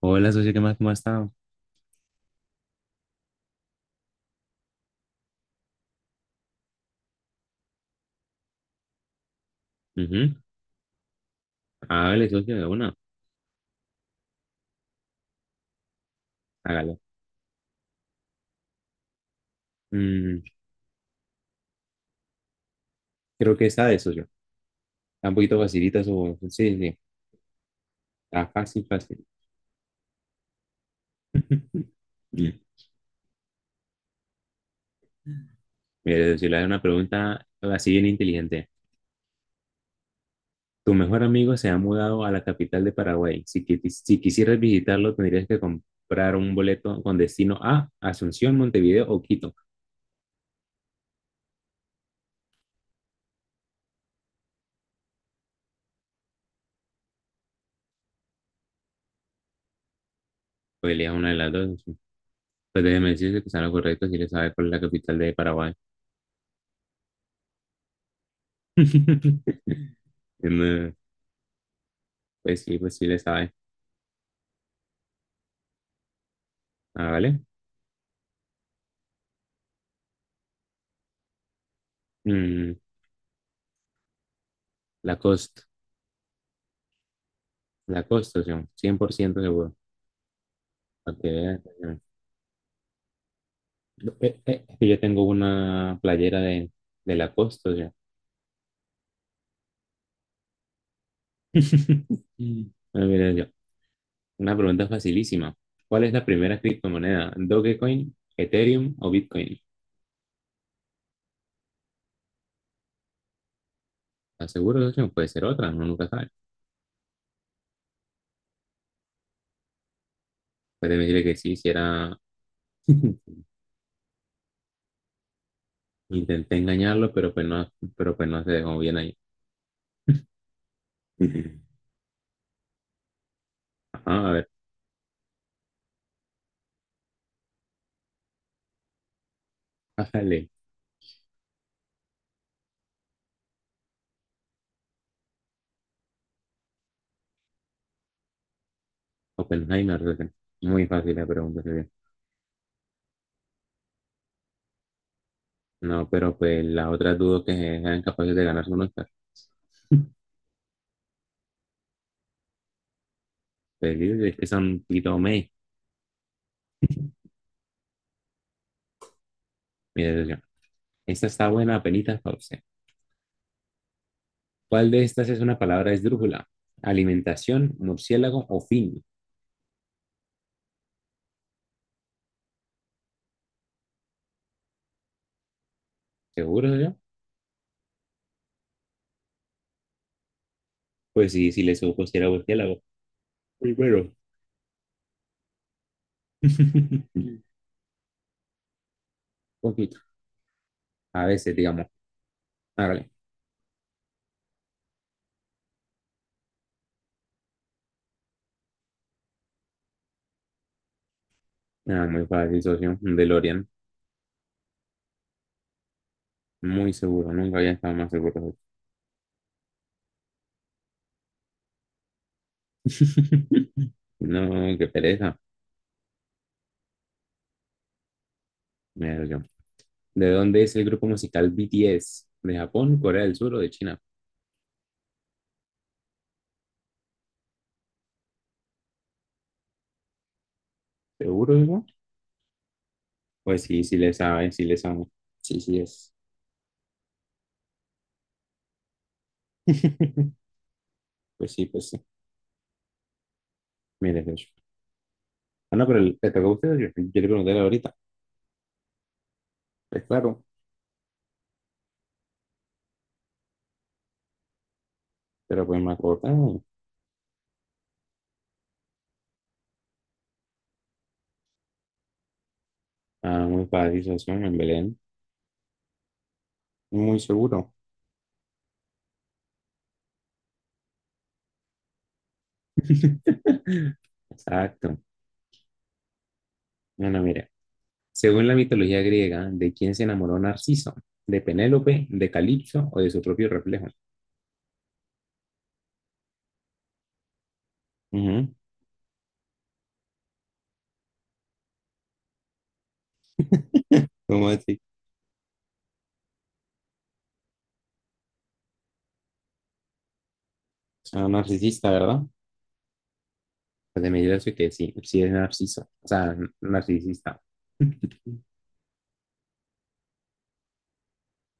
Hola, socio, ¿qué más? ¿Cómo ha estado? Ujú. Hágale, socio, de una. Hágalo. Mm, creo que esta de socio. Está un poquito facilita su... Sí, sí. Está fácil, fácil. Mm. Mire, socio, le hago una pregunta así bien inteligente. Tu mejor amigo se ha mudado a la capital de Paraguay. Si quisieras visitarlo, tendrías que comprar un boleto con destino a Asunción, Montevideo o Quito. Pues elija una de las dos, socio. Pues déjeme decirle que está lo correcto si le sabe cuál es la capital de Paraguay. No, pues sí, pues sí le sabe. Ah, ¿vale? Mm, Lacoste. Lacoste, o sea, cien por ciento seguro. Para que veas, o sea, no, yo tengo una playera de Lacoste, o sea. Ah, mira, yo. Una pregunta facilísima. ¿Cuál es la primera criptomoneda? ¿Dogecoin, Ethereum o Bitcoin? ¿Estás seguro, socio? Puede ser otra, uno nunca sabe. Puede decirle que sí, si era... Intenté engañarlo, pero pues no se dejó bien ahí. Ajá, a ver, bájale. Oppenheimer, socio. Muy fácil la pregunta. No, pero pues las otras dudo que sean capaces de ganarse un Oscar. Perdidos es que son un poquito meh, mi decepción. Esta está buena, penita para usted. ¿Cuál de estas es una palabra esdrújula? ¿Alimentación, murciélago o fin? ¿Seguro yo? Pues sí, si le supo si era murciélago. Primero. Un poquito. A veces, digamos. Hágale. Ah, muy fácil, socio. Un DeLorean. Muy seguro. Nunca había estado más seguro. No, qué pereza. Mi decepción. ¿De dónde es el grupo musical BTS? ¿De Japón, Corea del Sur o de China? ¿Seguro, hijo? Pues sí, sí le sabe, sí le sabe. Sí, sí es. Pues sí, pues sí. Mire, de hecho. Ah, no, pero le tocó a usted. Yo le pregunté ahorita. Pues claro, pero pues me acordaba. Ah, muy fácil, socio, en Belén. Muy seguro. Exacto. Bueno, mira, según la mitología griega, ¿de quién se enamoró Narciso? ¿De Penélope, de Calipso o de su propio reflejo? Ujú. ¿Cómo así? Sea, narcisista, ¿verdad? Pues de medida eso que sí, sí es narciso, o sea, narcisista.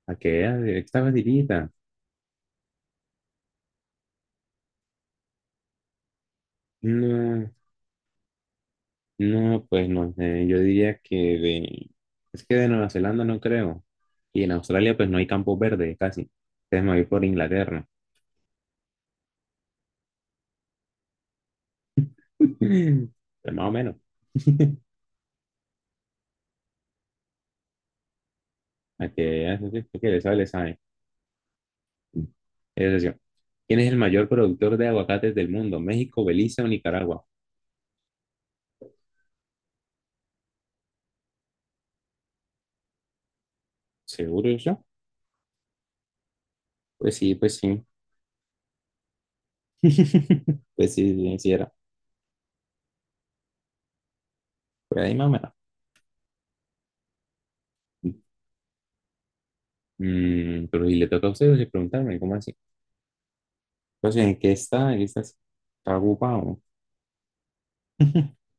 A que vea, estaba dirigida. No, no, pues no sé, yo diría que de, es que de Nueva Zelanda no creo. Y en Australia pues no hay campo verde casi. Entonces me voy por Inglaterra. Pero más o menos. A que vea, eso sí, que le sabe, le sabe. Es decir, ¿quién es el mayor productor de aguacates del mundo? ¿México, Belice o Nicaragua? ¿Seguro yo? Pues sí, pues sí. Pues sí, sí, sí era. Por ahí más o menos. Mm, pero si le toca a ustedes preguntarme, ¿cómo así? Entonces, ¿en qué está? ¿En qué estás? ¿Está ocupado?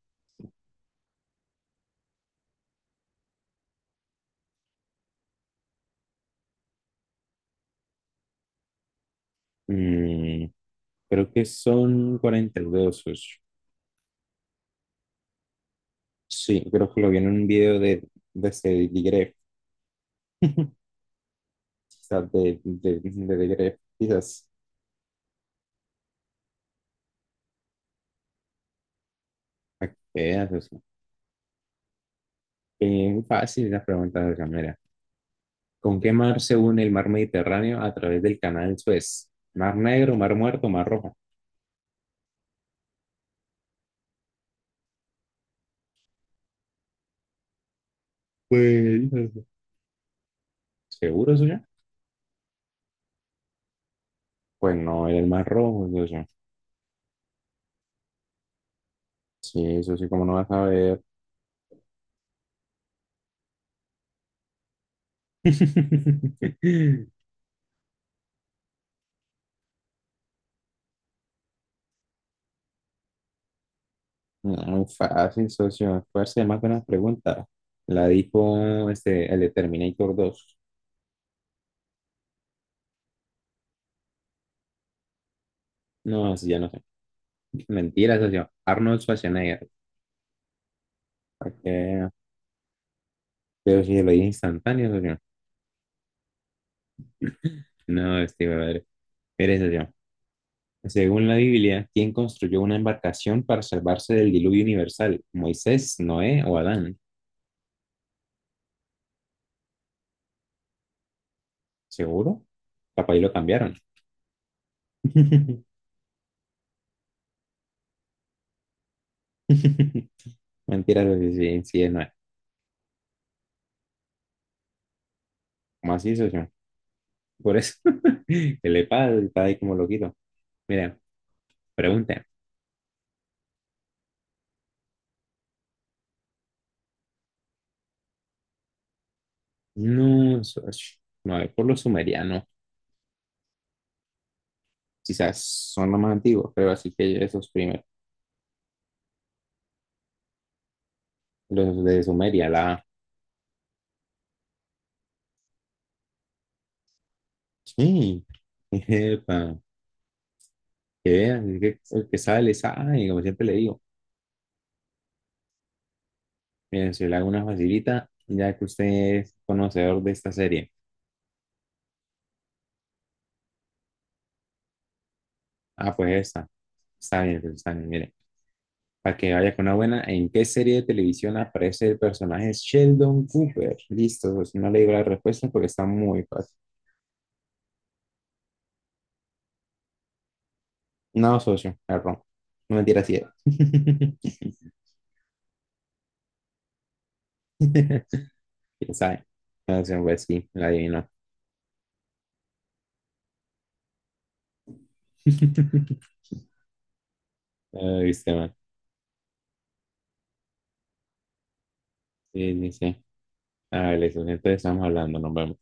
Mm, creo que son 42. Sí, creo que lo vi en un video de este Digref, quizás de Digref, quizás. Para que veas, o sea, fácil la pregunta de mira. ¿Con qué mar se une el mar Mediterráneo a través del canal Suez? ¿Mar Negro, Mar Muerto, Mar Rojo? Pues, ¿seguro eso ya? Pues no, era el más rojo, es eso. Sí, eso sí, como no vas a ver. No, fácil, socio. Fuerza más buenas preguntas. La dijo este, el de Terminator 2. No, así ya no sé. Mentira, socio. Arnold Schwarzenegger. ¿Para qué? Pero si lo dije instantáneo, socio. No, este, brother. Eres, socio. Según la Biblia, ¿quién construyó una embarcación para salvarse del diluvio universal? ¿Moisés, Noé o Adán? ¿Seguro? Capaz ahí lo cambiaron. Mentira, pero sí, sí, sí es nuevo. Macizo, sí. Por eso, el EPAD está ahí como loquito. Mira, pregunta. No, a ver, por los sumerianos, quizás son los más antiguos, pero así que esos primeros, los de Sumeria, la... Sí, epa, que vean, es que el que sabe le sabe, como siempre le digo. Miren, si le hago una facilita, ya que usted es conocedor de esta serie. Ah, pues esta. Está bien, pues está bien, mire. Para que vaya con una buena. ¿En qué serie de televisión aparece el personaje Sheldon Cooper? Listo, pues no le digo la respuesta porque está muy fácil. No, socio, error. No mentira, sí era. ¿Quién sabe? Entonces, pues sí, la adivinó. Ay, viste, man. Sí, sí, sí. A ver, socio, entonces estamos hablando, nos vemos.